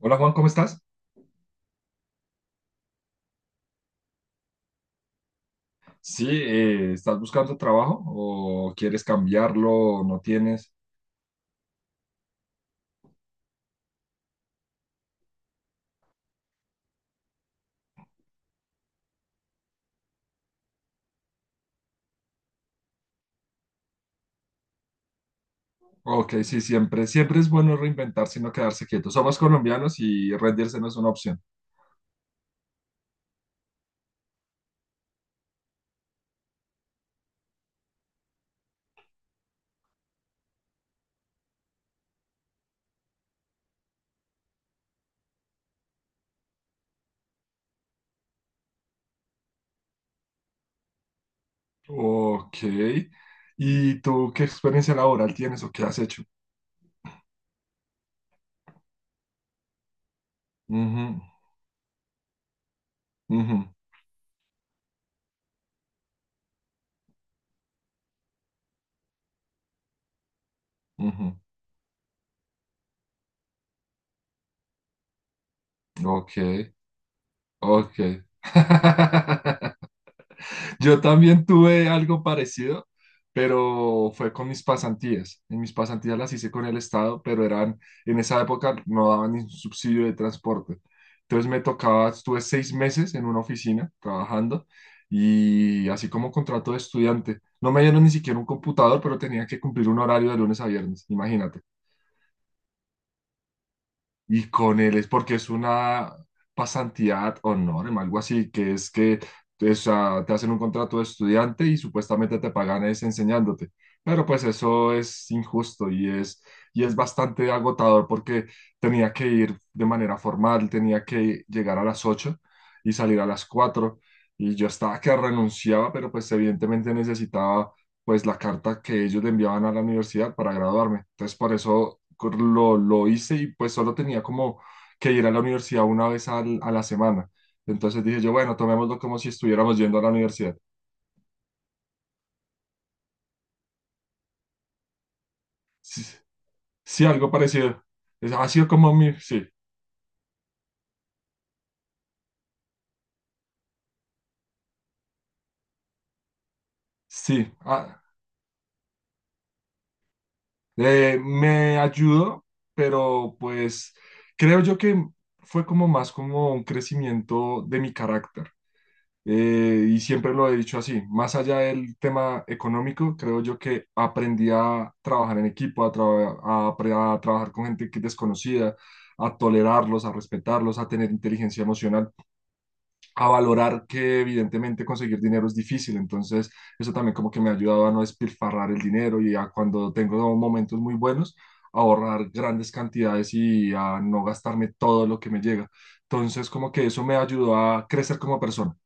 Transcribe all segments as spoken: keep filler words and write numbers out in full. Hola Juan, ¿cómo estás? Sí, eh, ¿estás buscando trabajo o quieres cambiarlo o no tienes? Ok, sí, siempre, siempre es bueno reinventarse y no quedarse quieto. Somos colombianos y rendirse no es una opción. Ok, ¿y tú qué experiencia laboral tienes o qué has hecho? Ujú, ujú, ujú. Ok, ok. Yo también tuve algo parecido, pero fue con mis pasantías. En mis pasantías las hice con el Estado, pero eran, en esa época no daban ni subsidio de transporte. Entonces me tocaba, estuve seis meses en una oficina trabajando y así como contrato de estudiante. No me dieron ni siquiera un computador, pero tenía que cumplir un horario de lunes a viernes, imagínate. Y con él es porque es una pasantía ad honorem, algo así, que es que o sea, te hacen un contrato de estudiante y supuestamente te pagan es enseñándote. Pero pues eso es injusto y es, y es bastante agotador porque tenía que ir de manera formal, tenía que llegar a las ocho y salir a las cuatro y yo estaba que renunciaba, pero pues evidentemente necesitaba pues la carta que ellos le enviaban a la universidad para graduarme. Entonces por eso cor- lo, lo hice y pues solo tenía como que ir a la universidad una vez al- a la semana. Entonces dije yo, bueno, tomémoslo como si estuviéramos yendo a la universidad. Sí, sí, algo parecido. Es- Ha sido como mi, sí, sí. Ah, Eh, me ayudó, pero pues creo yo que fue como más como un crecimiento de mi carácter. Eh, y siempre lo he dicho así, más allá del tema económico, creo yo que aprendí a trabajar en equipo, a, traba- a apre- a trabajar con gente que es desconocida, a tolerarlos, a respetarlos, a tener inteligencia emocional a valorar que evidentemente conseguir dinero es difícil, entonces eso también como que me ha ayudado a no despilfarrar el dinero y a cuando tengo momentos muy buenos, ahorrar grandes cantidades y a no gastarme todo lo que me llega. Entonces como que eso me ayudó a crecer como persona.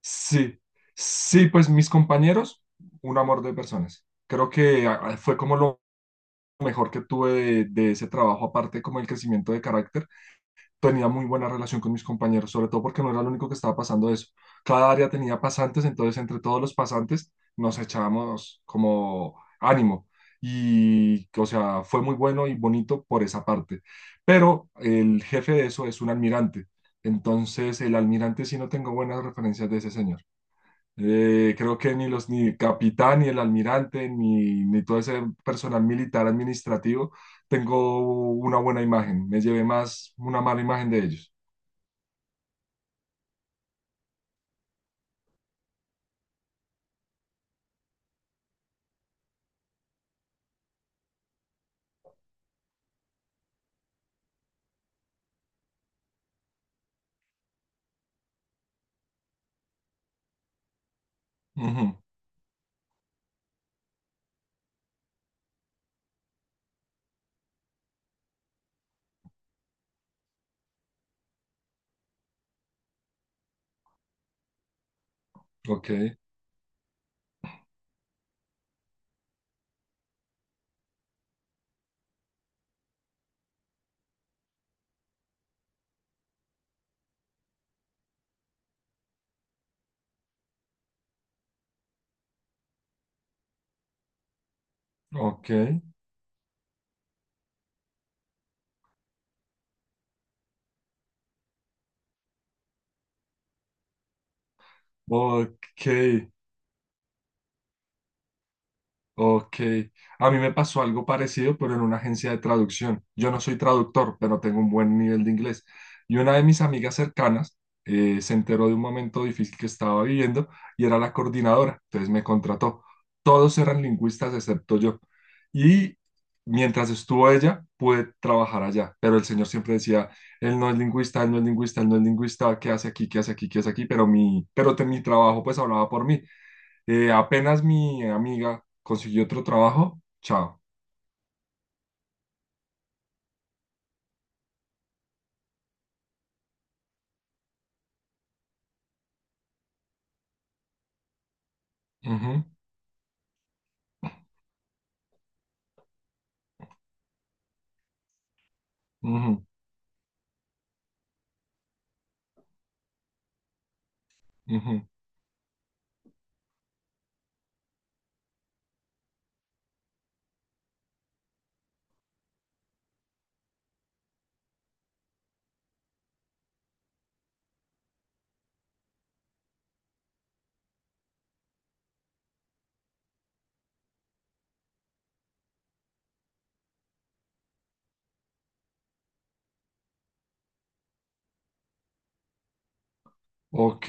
Sí, sí, pues mis compañeros, un amor de personas. Creo que ah, fue como lo mejor que tuve de, de ese trabajo, aparte como el crecimiento de carácter, tenía muy buena relación con mis compañeros, sobre todo porque no era el único que estaba pasando eso. Cada área tenía pasantes, entonces entre todos los pasantes nos echábamos como ánimo. Y, o sea, fue muy bueno y bonito por esa parte. Pero el jefe de eso es un almirante. Entonces, el almirante sí no tengo buenas referencias de ese señor. Eh, creo que ni los ni capitán, ni el almirante, ni, ni todo ese personal militar administrativo tengo una buena imagen. Me llevé más una mala imagen de ellos. Ujú, ok, ok, ok. Ok, a mí me pasó algo parecido, pero en una agencia de traducción. Yo no soy traductor, pero tengo un buen nivel de inglés. Y una de mis amigas cercanas eh, se enteró de un momento difícil que estaba viviendo y era la coordinadora, entonces me contrató. Todos eran lingüistas excepto yo. Y mientras estuvo ella, pude trabajar allá, pero el señor siempre decía, él no es lingüista, él no es lingüista, él no es lingüista, ¿qué hace aquí? ¿Qué hace aquí? ¿Qué hace aquí? Pero mi, pero te- mi trabajo pues hablaba por mí. Eh, apenas mi amiga consiguió otro trabajo, chao. Ujú, ujú, ujú. Ok,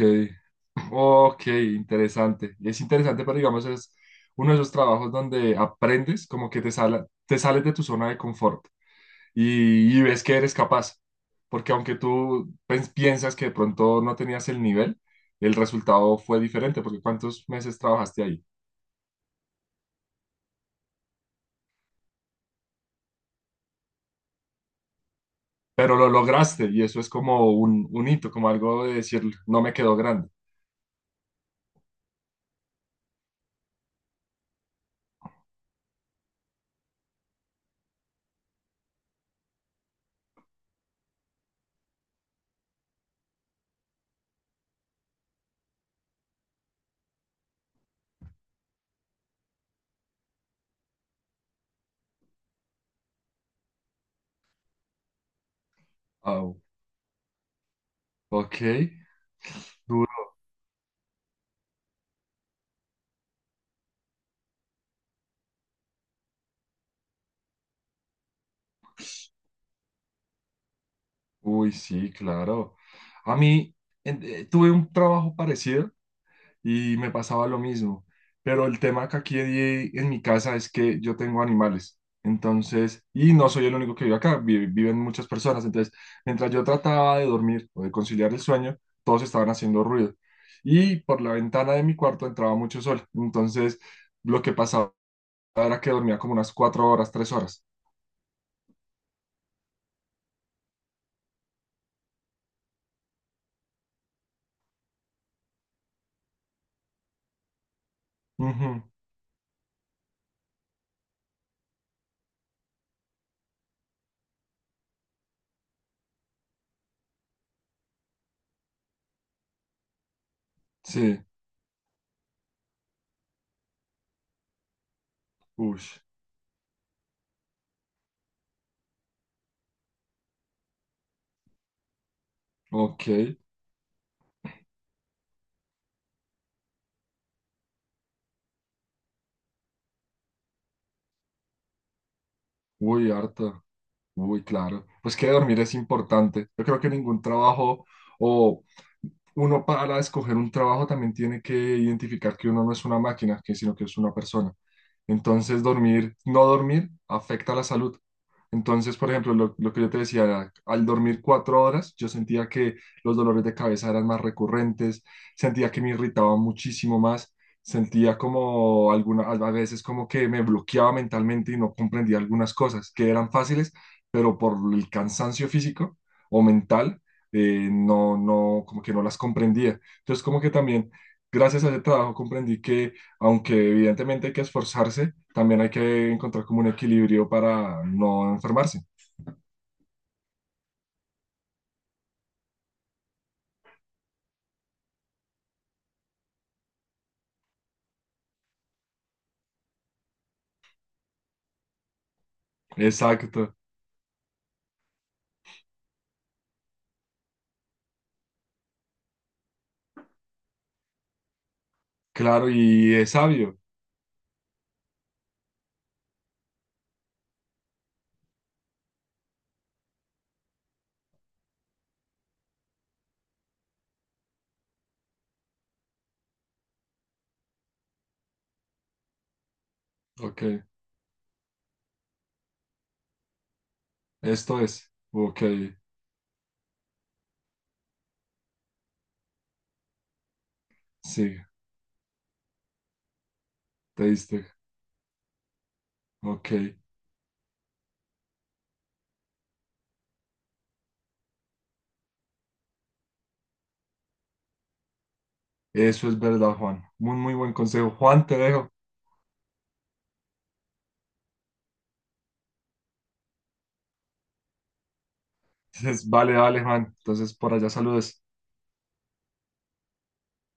ok, interesante. Es interesante, pero digamos, es uno de esos trabajos donde aprendes como que te sala- te sales de tu zona de confort y, y ves que eres capaz. Porque aunque tú pens- piensas que de pronto no tenías el nivel, el resultado fue diferente, porque ¿cuántos meses trabajaste ahí? Pero lo lograste y eso es como un, un hito, como algo de decir, no me quedó grande. Ok, duro. Uy, sí, claro. A mí en- eh, tuve un trabajo parecido y me pasaba lo mismo, pero el tema que aquí di- en mi casa es que yo tengo animales, entonces, y no soy el único que vive acá, vi- viven muchas personas, entonces, mientras yo trataba de dormir o de conciliar el sueño, todos estaban haciendo ruido y por la ventana de mi cuarto entraba mucho sol, entonces lo que pasaba era que dormía como unas cuatro horas, tres horas. Ujú, sí, uy, ok. Uy, harto. Muy claro. Pues que dormir es importante. Yo creo que ningún trabajo o uno para escoger un trabajo también tiene que identificar que uno no es una máquina, que sino que es una persona. Entonces, dormir, no dormir afecta la salud. Entonces, por ejemplo, lo, lo que yo te decía, al dormir cuatro horas, yo sentía que los dolores de cabeza eran más recurrentes, sentía que me irritaba muchísimo más, sentía como alguna, a veces como que me bloqueaba mentalmente y no comprendía algunas cosas que eran fáciles, pero por el cansancio físico o mental, eh, no, no, como que no las comprendía. Entonces, como que también, gracias a ese trabajo, comprendí que, aunque evidentemente hay que esforzarse, también hay que encontrar como un equilibrio para no enfermarse. Exacto, claro, y es sabio. Ok, esto es. Ok, sí, te diste. Ok, eso es verdad, Juan. Muy, muy buen consejo. Juan, te dejo. Entonces, vale, vale, Juan. Entonces, por allá saludes.